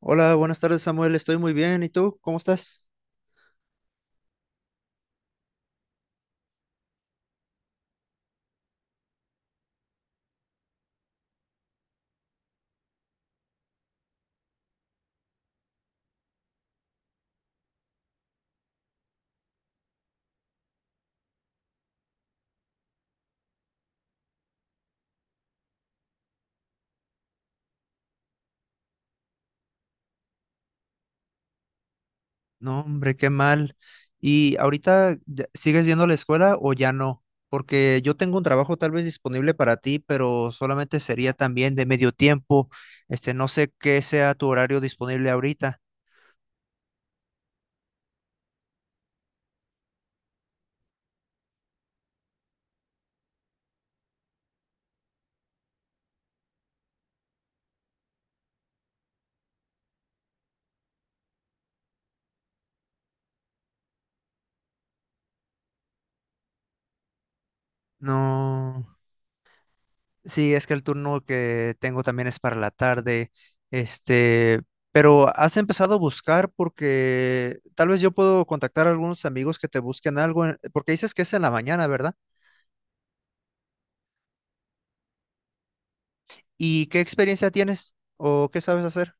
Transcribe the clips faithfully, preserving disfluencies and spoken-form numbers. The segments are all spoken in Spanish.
Hola, buenas tardes, Samuel, estoy muy bien. ¿Y tú? ¿Cómo estás? No, hombre, qué mal. ¿Y ahorita ya- sigues yendo a la escuela o ya no? Porque yo tengo un trabajo tal vez disponible para ti, pero solamente sería también de medio tiempo. Este, no sé qué sea tu horario disponible ahorita. No, sí, es que el turno que tengo también es para la tarde. Este, pero has empezado a buscar porque tal vez yo puedo contactar a algunos amigos que te busquen algo, en- porque dices que es en la mañana, ¿verdad? ¿Y qué experiencia tienes o qué sabes hacer?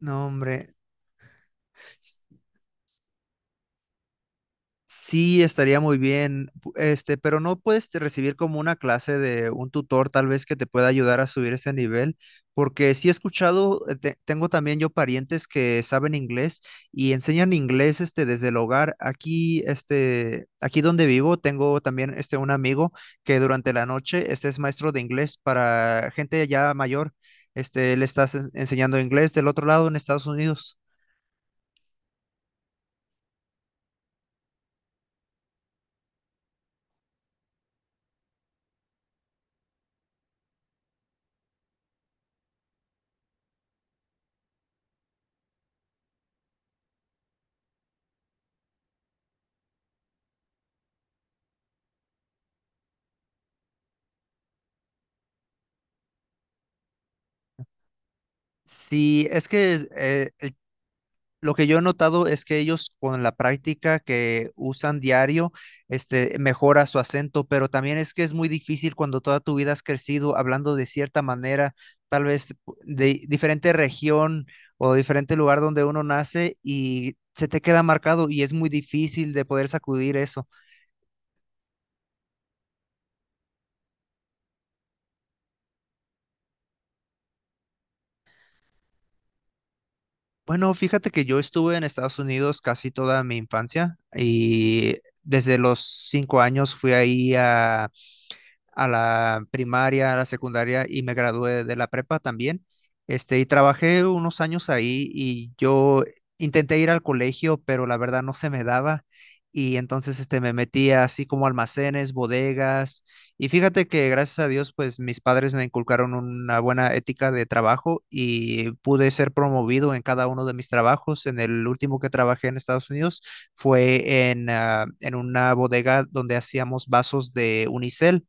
No, hombre. Sí, estaría muy bien, pu- este, pero no puedes te- recibir como una clase de un tutor tal vez que te pueda ayudar a subir ese nivel, porque sí he escuchado, eh, te- tengo también yo parientes que saben inglés y enseñan inglés este desde el hogar. Aquí este, aquí donde vivo tengo también este un amigo que durante la noche este es maestro de inglés para gente ya mayor. Este, le estás enseñando inglés del otro lado en Estados Unidos. Sí, es que eh, lo que yo he notado es que ellos con la práctica que usan diario, este, mejora su acento, pero también es que es muy difícil cuando toda tu vida has crecido hablando de cierta manera, tal vez pu- de diferente región o diferente lugar donde uno nace y se te queda marcado y es muy difícil de poder sacudir eso. Bueno, fíjate que yo estuve en Estados Unidos casi toda mi infancia y desde los cinco años fui ahí a a la primaria, a la secundaria y me gradué de la prepa también. Este, y trabajé unos años ahí y yo intenté ir al colegio, pero la verdad no se me daba. Y entonces este, me metía así como almacenes, bodegas. Y fíjate que gracias a Dios, pues mis padres me inculcaron una buena ética de trabajo y pude ser promovido en cada uno de mis trabajos. En el último que trabajé en Estados Unidos fue en, ah, en una bodega donde hacíamos vasos de unicel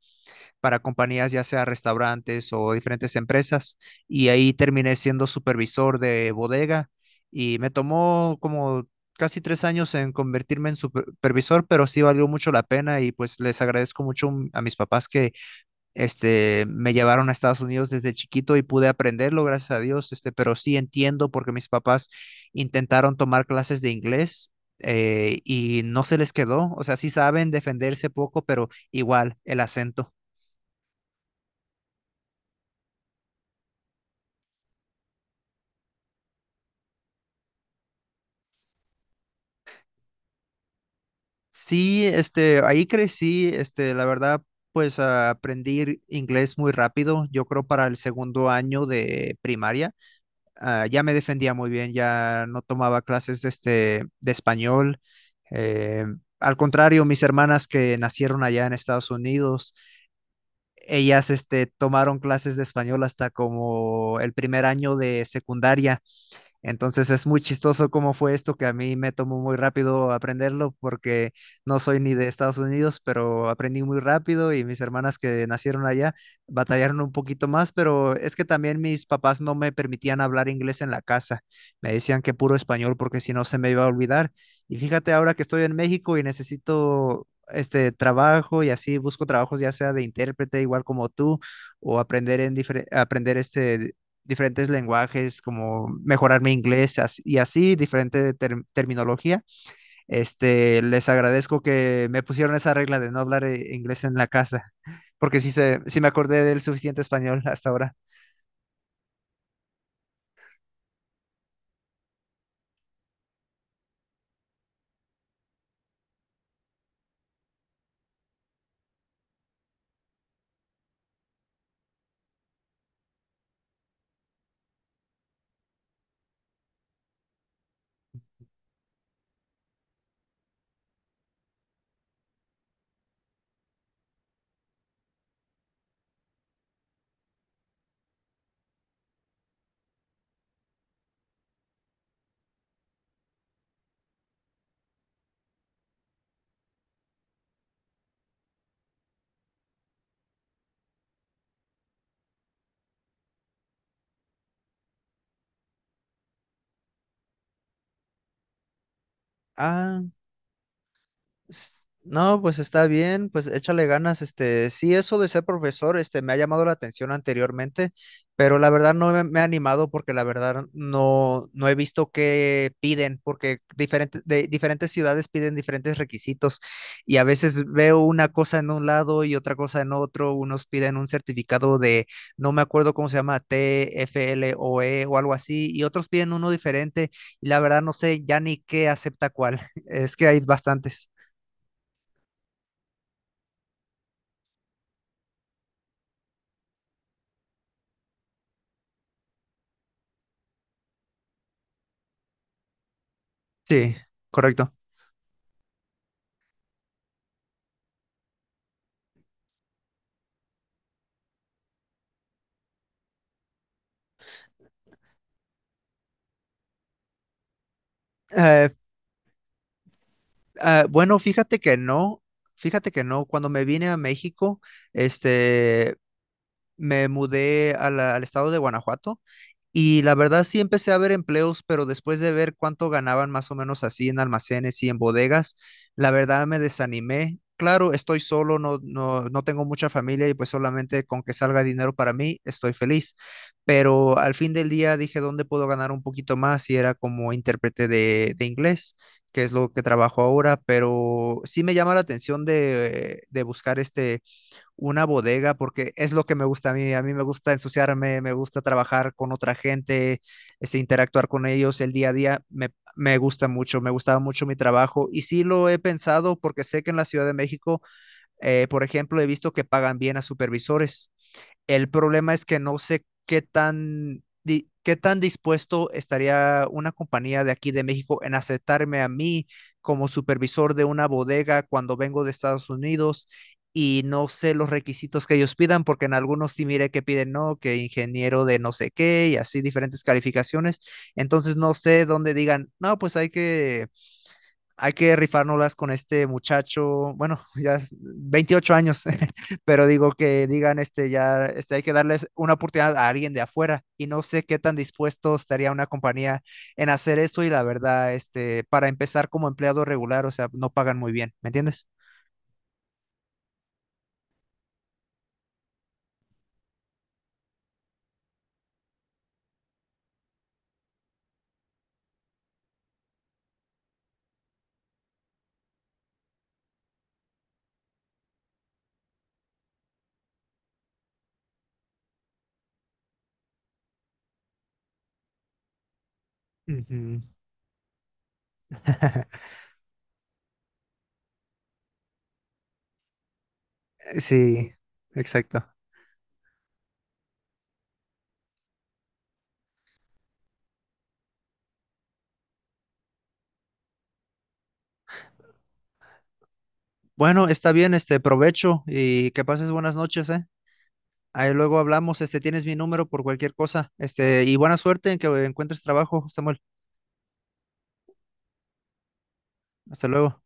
para compañías, ya sea restaurantes o diferentes empresas, y ahí terminé siendo supervisor de bodega y me tomó como casi tres años en convertirme en super- supervisor, pero sí valió mucho la pena y pues les agradezco mucho m- a mis papás que este, me llevaron a Estados Unidos desde chiquito y pude aprenderlo, gracias a Dios, este, pero sí entiendo porque mis papás intentaron tomar clases de inglés. Eh, y no se les quedó, o sea, sí saben defenderse poco, pero igual el acento. Sí, este, ahí crecí, este, la verdad, pues ah, aprendí inglés muy rápido. Yo creo para el segundo año de primaria, ah, ya me defendía muy bien, ya no tomaba clases de, este, de español. Eh, al contrario, mis hermanas que nacieron allá en Estados Unidos, ellas, este, tomaron clases de español hasta como el primer año de secundaria. Entonces es muy chistoso cómo fue esto que a mí me tomó muy rápido aprenderlo porque no soy ni de Estados Unidos, pero aprendí muy rápido y mis hermanas que nacieron allá batallaron un poquito más, pero es que también mis papás no me permitían hablar inglés en la casa. Me decían que puro español porque si no se me iba a olvidar. Y fíjate ahora que estoy en México y necesito este trabajo y así busco trabajos ya sea de intérprete igual como tú o aprender en difer- aprender este diferentes lenguajes, como mejorar mi inglés as- y así, diferente ter- terminología. Este, les agradezco que me pusieron esa regla de no hablar eh, inglés en la casa, porque sí, se, sí me acordé del suficiente español hasta ahora. Ah. S- No, pues está bien, pues échale ganas, este, sí, eso de ser profesor, este, me ha llamado la atención anteriormente, pero la verdad no me, me he animado porque la verdad no, no he visto qué piden, porque diferentes, de diferentes ciudades piden diferentes requisitos y a veces veo una cosa en un lado y otra cosa en otro, unos piden un certificado de, no me acuerdo cómo se llama, T F L O E o algo así, y otros piden uno diferente y la verdad no sé ya ni qué acepta cuál, es que hay bastantes. Sí, correcto. Eh, ah, bueno, fíjate que no, fíjate que no. Cuando me vine a México, este, me mudé a la- al estado de Guanajuato. Y la verdad sí empecé a ver empleos, pero después de ver cuánto ganaban más o menos así en almacenes y en bodegas, la verdad me desanimé. Claro, estoy solo, no, no, no tengo mucha familia y pues solamente con que salga dinero para mí estoy feliz. Pero al fin del día dije, ¿dónde puedo ganar un poquito más? Y era como intérprete de, de inglés, que es lo que trabajo ahora, pero sí me llama la atención de, de buscar este una bodega porque es lo que me gusta a mí. A mí me gusta ensuciarme, me gusta trabajar con otra gente, este, interactuar con ellos el día a día. Me, me gusta mucho, me gustaba mucho mi trabajo y sí lo he pensado porque sé que en la Ciudad de México, eh, por ejemplo, he visto que pagan bien a supervisores. El problema es que no sé qué tan, di- qué tan dispuesto estaría una compañía de aquí de México en aceptarme a mí como supervisor de una bodega cuando vengo de Estados Unidos y no sé los requisitos que ellos pidan, porque en algunos sí mire que piden, no, que ingeniero de no sé qué y así diferentes calificaciones. Entonces no sé dónde digan, no, pues hay que hay que rifárnoslas con este muchacho, bueno, ya es veintiocho años, pero digo que digan, este, ya, este, hay que darles una oportunidad a alguien de afuera y no sé qué tan dispuesto estaría una compañía en hacer eso y la verdad, este, para empezar como empleado regular, o sea, no pagan muy bien, ¿me entiendes? Ujú. Sí, exacto. Bueno, está bien, este, provecho y que pases buenas noches, ¿eh? Ahí luego hablamos, este, tienes mi número por cualquier cosa, este, y buena suerte en que encuentres trabajo, Samuel. Hasta luego.